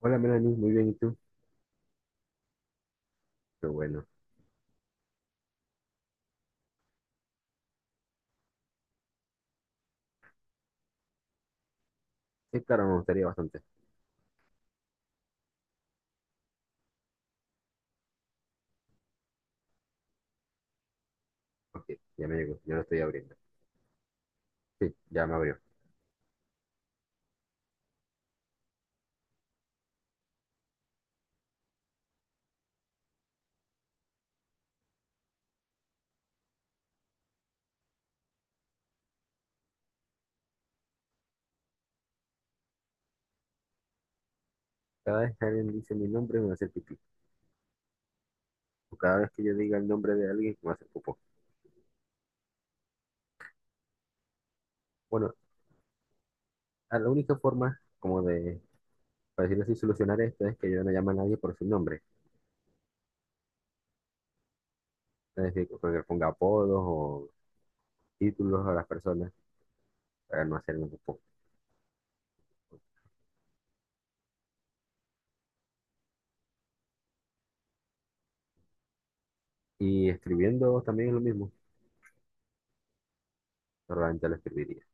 Hola Melanie, muy bien, ¿y tú? Qué bueno. Sí, claro, me gustaría bastante. Ok, ya me llegó, yo lo estoy abriendo. Sí, ya me abrió. Cada vez que alguien dice mi nombre me va a hacer pipí. O cada vez que yo diga el nombre de alguien me va a hacer popó. Bueno, a la única forma como de, para decirlo así, solucionar esto es que yo no llame a nadie por su nombre. Es decir, que le ponga apodos o títulos a las personas para no hacerme popó. Y escribiendo también es lo mismo, normalmente lo escribiría.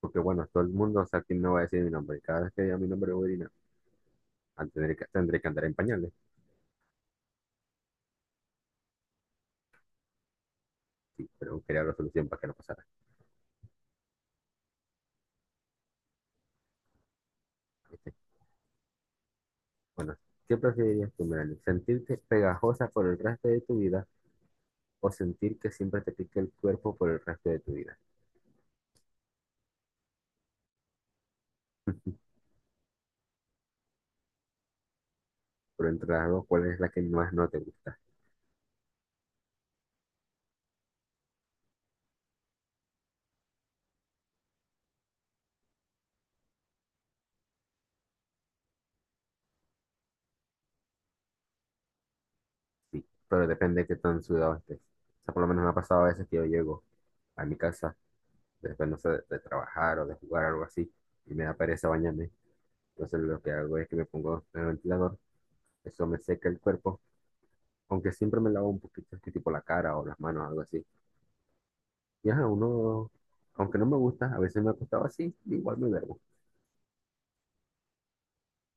Porque bueno, todo el mundo, o sea, aquí no va a decir mi nombre. Cada vez que diga mi nombre voy a orinar. Ah, tendré que andar en pañales. Sí, pero crear la solución para que no pasara. Dice, bueno, ¿qué preferirías tú, Melanie? ¿Sentirte pegajosa por el resto de tu vida o sentir que siempre te pique el cuerpo por el resto de tu vida? Pero entre las dos, ¿cuál es la que más no te gusta? Sí, pero depende de qué tan sudado estés. O sea, por lo menos me ha pasado a veces que yo llego a mi casa, después no sé, de trabajar o de jugar algo así, y me da pereza bañarme. Entonces lo que hago es que me pongo en el ventilador, eso me seca el cuerpo, aunque siempre me lavo un poquito, así tipo la cara o las manos, algo así. Y ajá, uno, aunque no me gusta, a veces me ha acostado así, igual me duermo.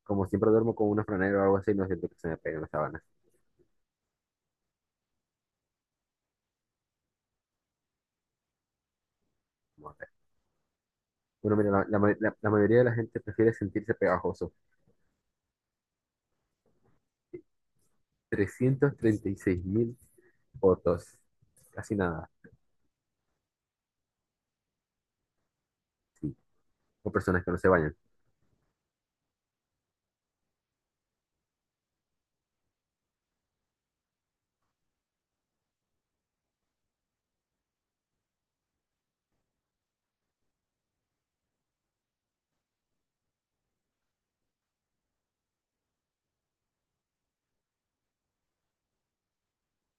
Como siempre duermo con una franela o algo así, no siento que se me peguen las sábanas. Vamos a Bueno, mira, la mayoría de la gente prefiere sentirse pegajoso. 336,000 fotos, casi nada, sí. O personas que no se bañan.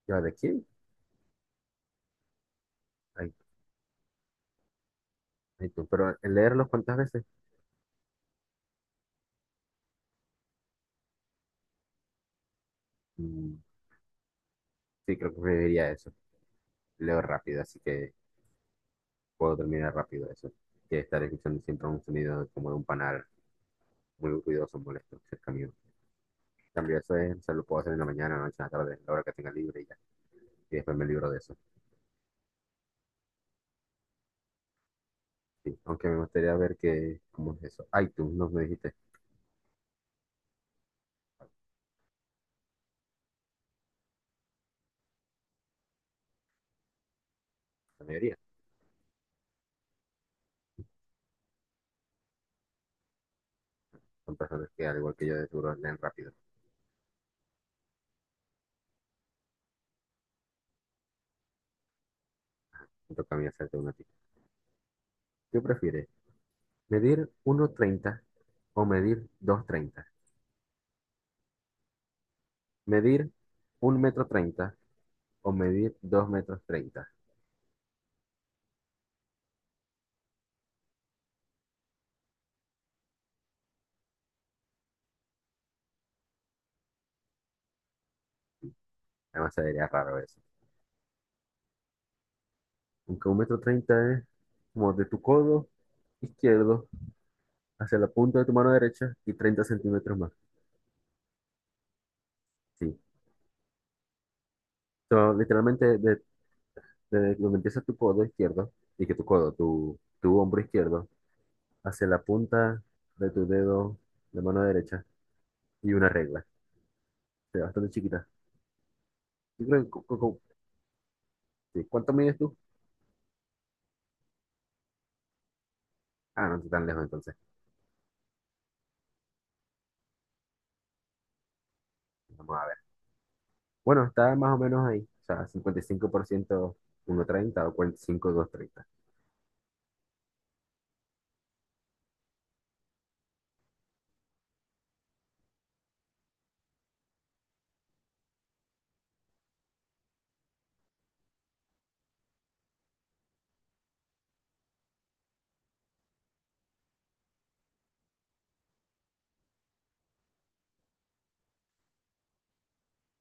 ¿Ya de quién? Ay, ay, tú. Pero el leerlos cuántas veces. Mm, sí, creo que preferiría eso. Leo rápido, así que puedo terminar rápido eso. Que estar escuchando siempre un sonido como de un panal muy ruidoso, molesto, cerca mío. Cambio eso es, se lo puedo hacer en la mañana, noche, en la tarde, en la hora que tenga libre y ya. Y después me libro de eso. Sí. Aunque me gustaría ver que, ¿cómo es eso? iTunes, no me dijiste. La mayoría. Son personas que, al igual que yo, de seguro leen rápido. Me toca a mí hacerte una tip. ¿Qué prefieres? ¿Medir uno treinta o medir dos treinta? ¿Medir un metro treinta o medir dos metros treinta? Además, sería raro eso. Aunque un metro 30 es como de tu codo izquierdo hacia la punta de tu mano derecha y 30 centímetros más. Sí, so, literalmente, de donde empieza tu codo izquierdo, y que tu codo, tu hombro izquierdo, hacia la punta de tu dedo de mano derecha, y una regla, o sea, bastante chiquita. Yo creo que sí, ¿cuánto mides tú? Ah, no estoy tan lejos entonces. Vamos a ver. Bueno, está más o menos ahí, o sea, 55%, 1,30 o 45, 2,30.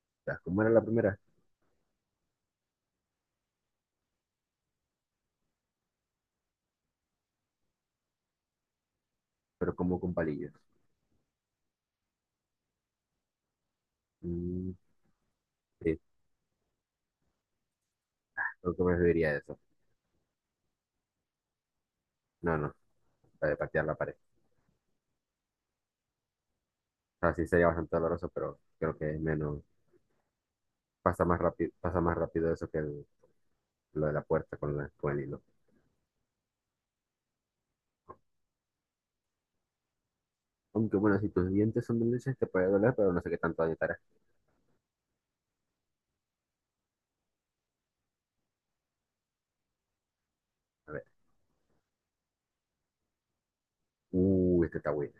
O sea, como era la primera, pero como con palillos. Mm, sí, creo que me serviría eso. No, no, para patear la pared. O sea, sí sería bastante doloroso, pero creo que es menos, pasa más rápido eso que lo de la puerta con, con el hilo. Aunque bueno, si tus dientes son dulces te puede doler, pero no sé qué tanto daño te hará. A ver, este está bueno.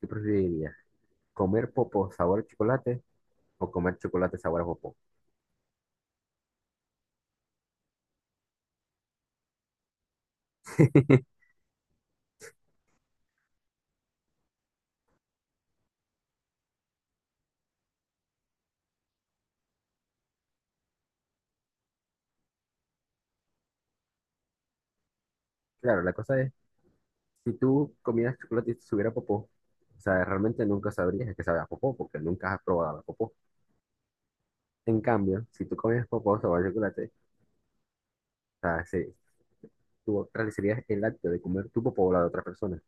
¿Qué preferirías? ¿Comer popo sabor chocolate o comer chocolate sabor a popó? Claro, la cosa es, si tú comieras chocolate y te subiera popó, o sea, realmente nunca sabrías que sabe a popó, porque nunca has probado la popó. En cambio, si tú comías popó sabor a chocolate, o sea, tú realizarías el acto de comer tu popó o la de otra persona,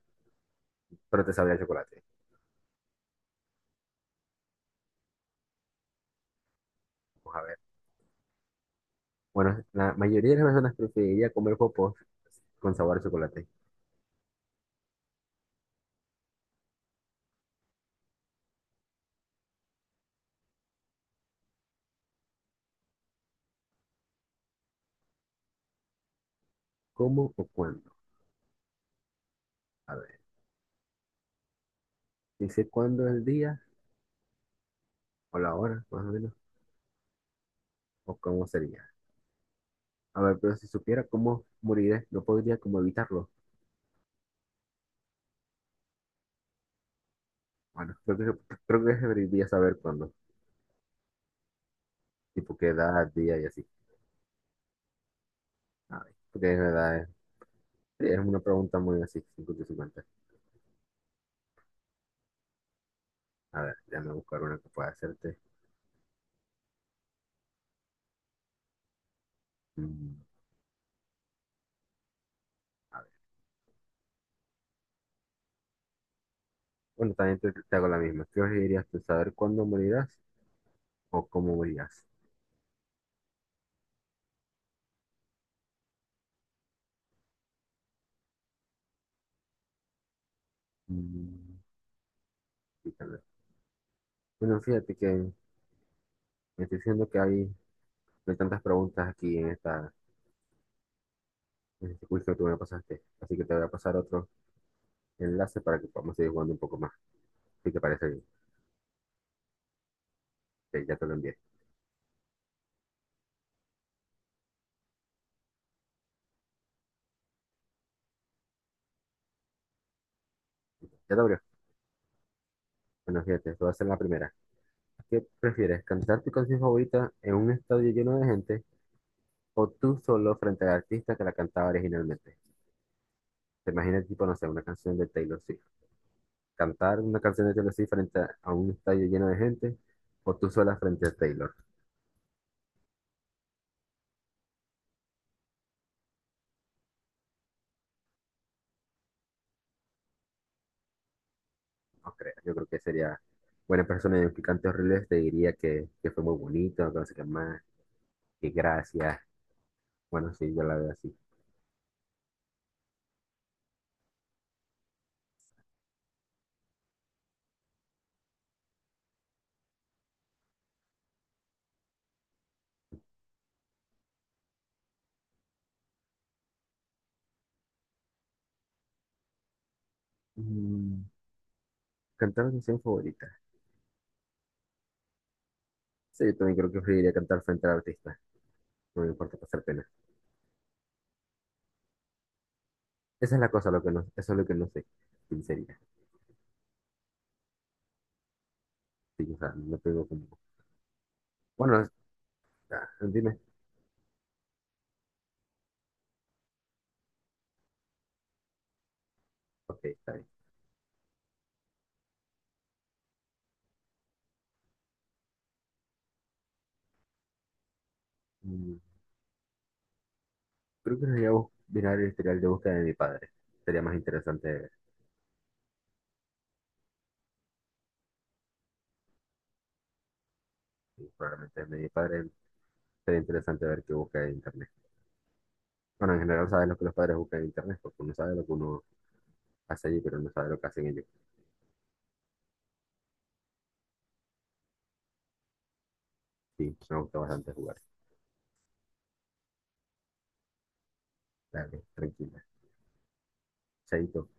pero te sabría a chocolate. Vamos a ver. Bueno, la mayoría de las personas preferiría comer popos con sabor a chocolate. ¿Cómo o cuándo? A ver, dice cuándo el día o la hora, más o menos, o cómo sería. A ver, pero si supiera cómo moriré, no podría como evitarlo. Bueno, creo que debería saber cuándo, tipo qué edad, día y así. A ver, porque es verdad, es una pregunta muy así, 50 y 50. A ver, déjame buscar una que pueda hacerte. Mm, a ver, bueno, también te hago la misma. ¿Qué dirías tú, saber cuándo morirás o cómo morirás? Mm. Fíjate. Bueno, fíjate que me estoy diciendo que hay, no hay tantas preguntas aquí en esta, en este quiz que tú me pasaste. Así que te voy a pasar otro enlace para que podamos seguir jugando un poco más. Si te parece bien, que ya te lo envié. ¿Ya te abrió? Bueno, fíjate, te voy a hacer la primera. ¿Qué prefieres, cantar tu canción favorita en un estadio lleno de gente o tú solo frente al artista que la cantaba originalmente? Te imaginas, tipo, no sé, una canción de Taylor Swift. Cantar una canción de Taylor Swift frente a un estadio lleno de gente o tú sola frente a Taylor. No creo, yo creo que sería buena persona y picante horrible, te diría que fue muy bonito, que no sé qué más, que gracias. Bueno, sí, yo la veo así. Mm, Cantar la canción favorita. Sí, yo también creo que preferiría cantar frente al artista. No me importa pasar pena. Esa es la cosa, lo que no, eso es lo que no sé. Sinceridad. Sí, o sea, no tengo como. Bueno, ah, dime. Ok, está bien. Mm, Creo que debería mirar el historial de búsqueda de mi padre. Sería más interesante ver. Sí, probablemente el de mi padre sería interesante ver qué busca en internet. Bueno, en general sabes lo que los padres buscan en internet, porque uno sabe lo que uno hace allí, pero no sabe lo que hacen ellos. Sí, me gusta bastante jugar. Dale, tranquila. Chaito.